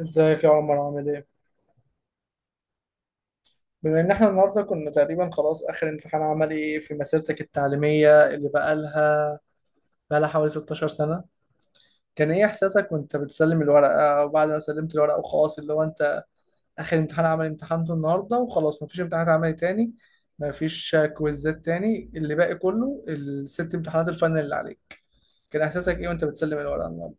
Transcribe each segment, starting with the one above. ازيك يا عمر؟ عامل ايه؟ بما ان احنا النهارده كنا تقريبا خلاص اخر امتحان عملي في مسيرتك التعليمية اللي بقالها حوالي 16 سنة، كان ايه احساسك وانت بتسلم الورقة، وبعد ما سلمت الورقة وخلاص اللي هو انت اخر امتحان عملي امتحنته النهارده، وخلاص مفيش امتحانات عملي تاني، مفيش كويزات تاني، اللي باقي كله الست امتحانات الفاينل اللي عليك، كان احساسك ايه وانت بتسلم الورقة النهارده؟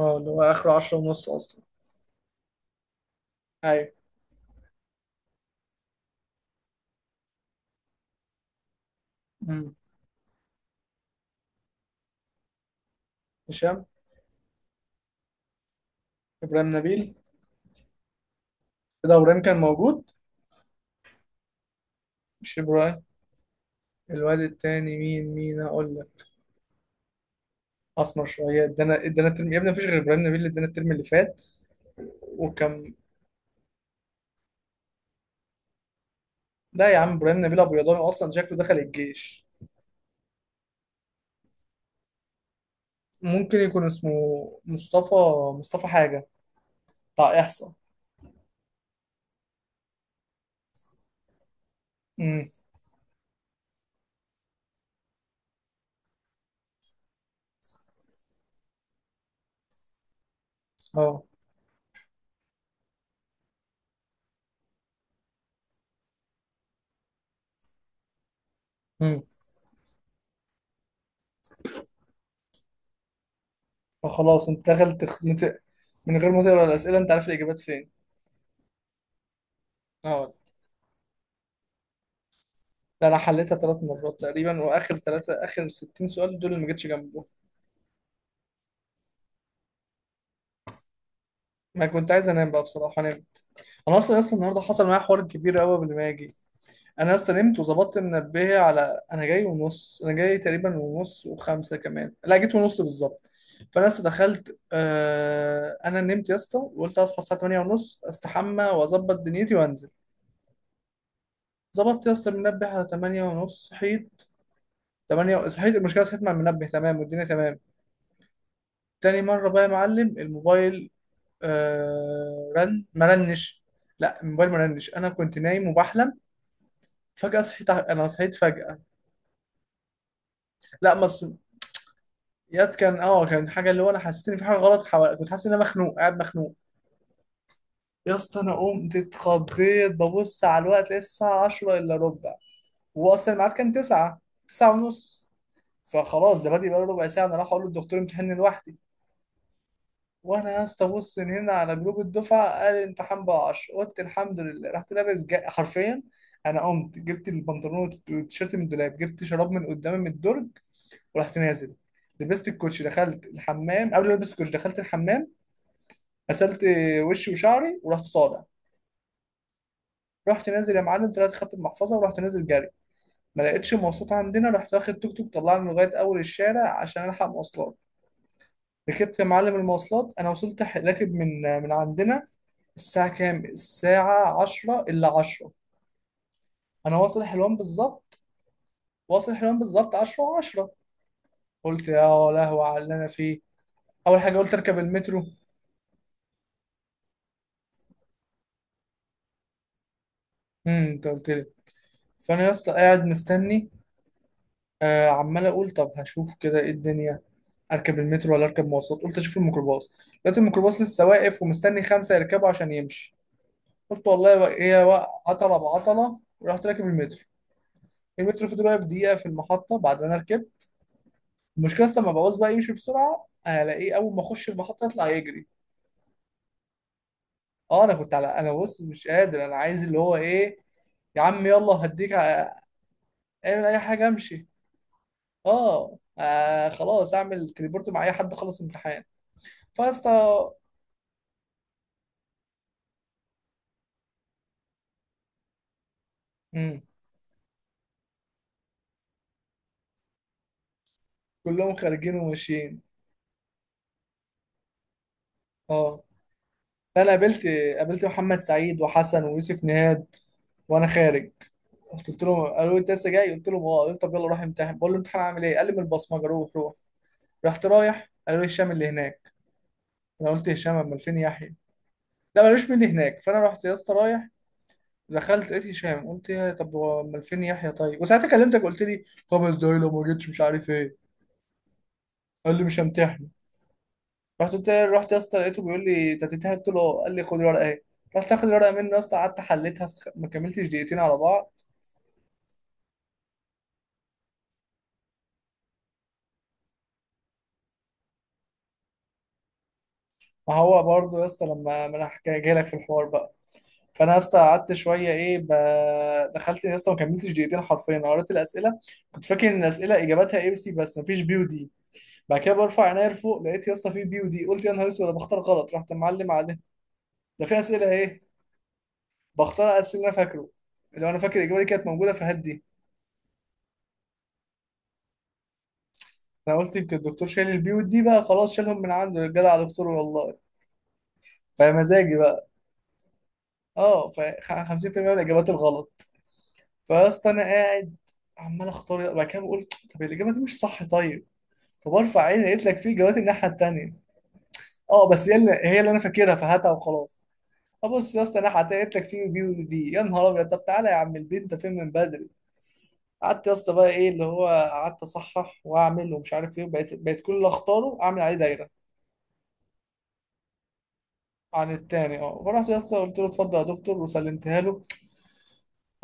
اه، اللي هو اخره 10 ونص اصلا. ايوه. امم. هشام. ابراهيم نبيل. كده ابراهيم كان موجود؟ مش ابراهيم. الواد التاني مين هقول لك. اسمر شويه ادانا الترم يا ابني؟ مفيش غير ابراهيم نبيل اللي ادانا الترم اللي فات. وكان... لا يا عم، ابراهيم نبيل ابيضاني اصلا، شكله دخل الجيش. ممكن يكون اسمه مصطفى. مصطفى حاجه، بتاع احصاء. امم. اه. امم. فخلاص انت دخلت من غير ما تقرا الاسئله انت عارف الاجابات فين. اه. لا، انا حليتها ثلاث مرات تقريبا، واخر ثلاثه، اخر 60 سؤال دول اللي ما جيتش جنبه. ما كنت عايز انام بقى بصراحه، انام. انا اصلا النهارده حصل معايا حوار كبير قوي قبل ما اجي. انا يا اسطى نمت وظبطت منبهي على انا جاي ونص. انا جاي تقريبا ونص وخمسه كمان، لا جيت ونص بالظبط. فانا لسه دخلت. انا نمت يا اسطى وقلت هصحى الساعه 8 ونص، استحمى واظبط دنيتي وانزل. ظبطت يا اسطى المنبه على 8 ونص. صحيت 8، صحيت. المشكله صحيت مع المنبه تمام والدنيا تمام. تاني مره بقى يا معلم الموبايل، رن ما رنش. لا، الموبايل ما رنش. انا كنت نايم وبحلم، فجاه صحيت انا صحيت فجاه. لا ما ص- ياد، كان كان حاجه اللي هو انا حسيت ان في حاجه غلط حوالي، كنت حاسس ان انا مخنوق، قاعد مخنوق. يا اسطى انا قمت اتخضيت، ببص على الوقت لقيت الساعه 10 الا ربع، واصلا الميعاد كان 9 9 ونص. فخلاص ده بادئ بقاله ربع ساعه. انا راح اقول للدكتور امتحاني لوحدي. وانا يا اسطى بص من هنا على جروب الدفعه، قال الامتحان بقى 10. قلت الحمد لله. رحت لابس حرفيا انا قمت جبت البنطلون والتيشيرت من الدولاب، جبت شراب من قدام من الدرج، ورحت نازل. لبست الكوتش، دخلت الحمام. قبل ما البس الكوتش دخلت الحمام، غسلت وشي وشعري، ورحت طالع. رحت نازل يا معلم، طلعت خدت المحفظه ورحت نازل جري. ما لقيتش مواصلات عندنا، رحت واخد توك توك طلعني لغايه اول الشارع عشان الحق مواصلات. ركبت يا معلم المواصلات. انا وصلت راكب من عندنا. الساعه كام؟ الساعه 10 الا 10 انا واصل حلوان بالظبط. واصل حلوان بالظبط 10 و10. قلت يا لهوي على اللي انا فيه. اول حاجه قلت اركب المترو. امم، انت قلت لي. فانا يا اسطى قاعد مستني. عمال اقول طب هشوف كده ايه الدنيا، اركب المترو ولا اركب مواصلات؟ قلت اشوف الميكروباص. لقيت الميكروباص لسه واقف ومستني خمسه يركبوا عشان يمشي. قلت والله هي عطله بعطله، ورحت راكب المترو. المترو فضل واقف دقيقه في المحطه بعد ما انا ركبت. المشكله اصلا لما بعوز بقى يمشي بسرعه الاقيه، اول ما اخش المحطه يطلع يجري. اه، انا كنت على... انا بص مش قادر، انا عايز اللي هو ايه، يا عم يلا هديك اعمل اي حاجه امشي. اه، خلاص اعمل تليبورت مع اي حد خلص امتحان. فاسطى... امم. كلهم خارجين وماشيين. اه، انا قابلت... قابلت محمد سعيد وحسن ويوسف نهاد وانا خارج. قلت لهم، قالوا لي انت لسه جاي؟ قلت لهم اه. قالوا طب يلا روح امتحن. بقول له امتحان عامل ايه؟ قال لي من البصمجه، روح روح. رحت رايح، قالوا لي هشام اللي هناك. انا قلت هشام؟ امال فين يحيى؟ لا، مالوش من اللي هناك. فانا رحت يا اسطى رايح، دخلت لقيت هشام. قلت يا طب هو امال فين يحيى؟ طيب. وساعتها كلمتك، قلت لي خمس دقايق لو ما جيتش مش عارف ايه، قال لي مش همتحن. رحت رحت يا اسطى لقيته بيقول لي انت هتتهيأ. قلت له... قال لي خد الورقه اهي. رحت اخد الورقه منه يا اسطى، قعدت حليتها ما كملتش دقيقتين على بعض. ما هو برضه يا اسطى لما ما انا جاي لك في الحوار بقى. فانا يا اسطى قعدت شويه ايه دخلت يا اسطى، ما كملتش دقيقتين حرفيا. أنا قريت الاسئله، كنت فاكر ان الاسئله اجاباتها اي وسي، بس ما فيش بي ودي. بعد كده برفع عينيا لفوق، لقيت يا اسطى في بي ودي. قلت يا نهار اسود، انا بختار غلط. رحت معلم عليه ده في اسئله ايه. بختار اسئله انا فاكره، لو انا فاكر الاجابه دي كانت موجوده في هات دي. انا قلت يمكن الدكتور شايل البي والدي بقى خلاص، شالهم من عنده. جدع يا دكتور والله. فمزاجي بقى... اه، ف 50% من الاجابات الغلط. فيا اسطى انا قاعد عمال اختار، بعد كده بقول طب الاجابه دي مش صح. طيب، فبرفع عيني لقيت لك في اجابات الناحيه التانيه. اه، بس هي، اللي انا فاكرها، فهاتها وخلاص. ابص يا اسطى الناحيه التانيه، لقيت لك في بي ودي. يا نهار ابيض، طب تعالى يا عم البيت انت فين من بدري. قعدت يا اسطى بقى ايه اللي هو، قعدت اصحح واعمل ومش عارف ايه. بقيت كل اللي اختاره اعمل عليه دايره عن التاني. اه، فرحت يا اسطى قلت له اتفضل يا دكتور وسلمتها له.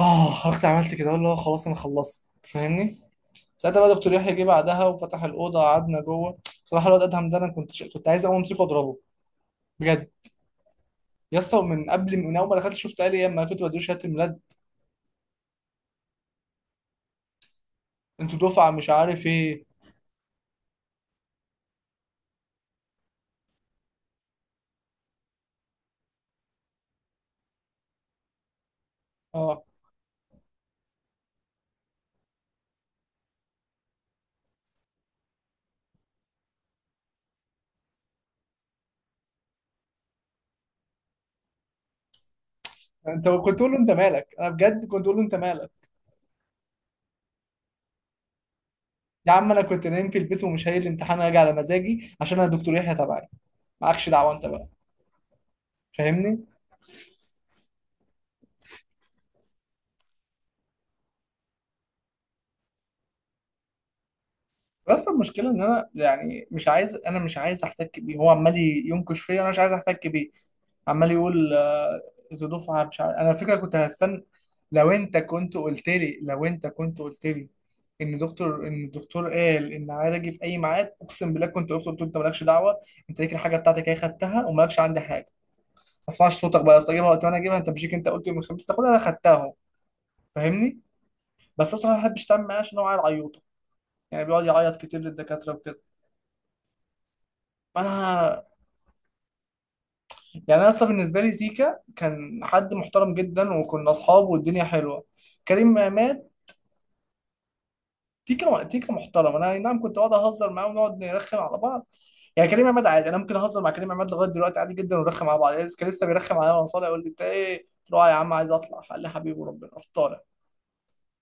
اه، خرجت. عملت كده اللي هو خلاص انا خلصت، فاهمني. ساعتها بقى دكتور يحيى جه بعدها وفتح الاوضه قعدنا جوه. بصراحه الواد ادهم ده انا كنت كنت عايز اقوم امسكه واضربه بجد. يا اسطى من قبل، من اول ما دخلت شفت قال لي اما كنت بديله شهاده الميلاد، انتوا دفعه مش عارف ايه. اه، انت كنت تقول له انت مالك؟ انا بجد كنت تقول له انت مالك. يا عم انا كنت نايم في البيت، ومش هايل الامتحان، هاجي على مزاجي عشان انا دكتور يحيى تبعي. معكش دعوه انت بقى، فاهمني. بس المشكله ان انا يعني مش عايز، انا مش عايز احتك بيه. هو عمال ينكش فيا، انا مش عايز احتك بيه. عمال يقول ذو دفعه مش عارف. انا الفكره كنت هستنى، لو انت كنت قلت لي لو انت كنت قلت لي، ان الدكتور قال ان عايز اجي في اي ميعاد، اقسم بالله كنت قلت له انت مالكش دعوه. انت ليك الحاجه بتاعتك، هي خدتها، ومالكش عندي حاجه. ما اسمعش صوتك بقى يا اسطى، جيبها وقت ما انا اجيبها، انت مش ليك. انت قلت يوم الخميس تاخدها، انا خدتها اهو، فاهمني. بس أنا بصراحه ما بحبش اتعامل معاه عشان هو عيل عيوطه، يعني بيقعد يعيط كتير للدكاتره وكده. انا يعني، انا اصلا بالنسبه لي تيكا كان حد محترم جدا، وكنا اصحاب والدنيا حلوه. كريم عماد، تيكا تيكا محترم. انا أي نعم كنت بقعد اهزر معاه ونقعد نرخم على بعض. يعني كريم عماد عادي، انا ممكن اهزر مع كريم عماد لغايه دلوقتي عادي جدا ونرخم على بعض. يعني كان لسه بيرخم عليا وانا طالع، يقول لي انت ايه؟ قلت له آه يا عم عايز اطلع. قال لي حبيبي، وربنا رحت طالع.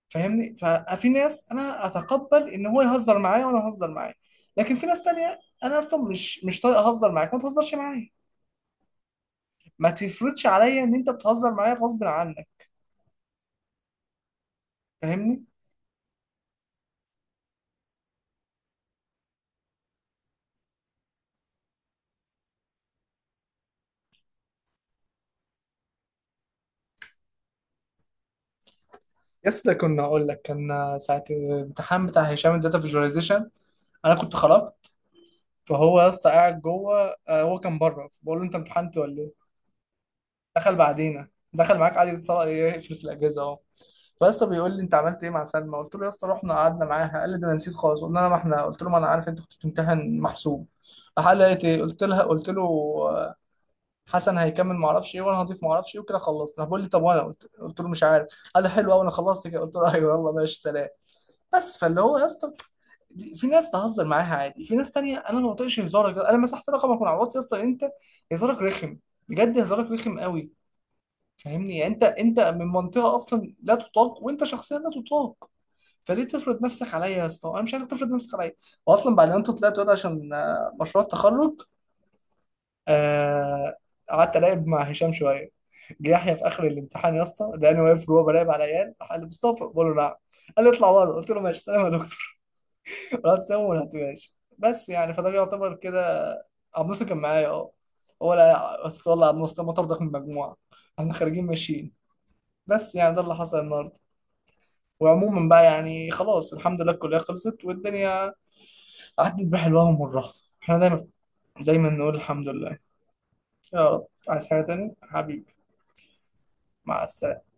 فاهمني، ففي ناس انا اتقبل ان هو يهزر معايا وانا اهزر معاه، لكن في ناس تانية انا اصلا مش طايق اهزر معاك، ما تهزرش معايا، ما تفرضش عليا ان انت بتهزر معايا غصب عنك، فاهمني. يسطا كنا اقول لك كان ساعه الامتحان بتاع هشام الداتا فيجواليزيشن، انا كنت خراب. فهو يا اسطى قاعد جوه، هو كان بره بقول له انت امتحنت ولا ايه. دخل بعدينا، دخل معاك قعد يقفل في الاجهزه اهو. فيا اسطى بيقول لي انت عملت ايه مع سلمى؟ قلت له يا اسطى رحنا قعدنا معاها. قال لي ده انا نسيت خالص. قلنا انا ما احنا، قلت له ما انا عارف انت كنت بتمتحن، محسوب. راح قال لي لقيت ايه؟ قلت لها، قلت له آه، حسن هيكمل ما اعرفش ايه، وانا هضيف ما اعرفش ايه، وكده خلصت. راح بيقول لي طب؟ وانا قلت له مش عارف. قال لي حلو قوي، انا خلصت كده. قلت له ايوه يلا ماشي سلام. بس فاللي هو يا اسطى في ناس تهزر معاها عادي، في ناس تانية انا ما بطيقش هزارك. انا مسحت رقمك من على الواتس يا اسطى، انت هزارك رخم، بجد هزارك رخم قوي. فاهمني، يعني انت من منطقه اصلا لا تطاق، وانت شخصيا لا تطاق. فليه تفرض نفسك عليا يا اسطى؟ انا مش عايزك تفرض نفسك عليا. واصلا بعد ما انت طلعت، وده عشان مشروع التخرج... آه، قعدت الاعب مع هشام شويه. جه يحيى في اخر الامتحان يا اسطى، لقاني واقف جوه براقب على العيال. راح قال لي مصطفى، بقول له نعم. قال لي اطلع بره. قلت له ماشي سلام يا دكتور. واتساب وما لحقتوهاش، بس يعني فده بيعتبر كده. عبد الناصر كان معايا، اه. هو لا، بس والله يا عبد الناصر ما طردك من المجموعه، احنا خارجين ماشيين. بس يعني ده اللي حصل النهارده. وعموما بقى يعني خلاص، الحمد لله الكليه خلصت، والدنيا عدت بحلوها ومرها. احنا دايما، دايما نقول الحمد لله. يا رب. عايز حاجه تاني حبيبي؟ مع السلامه.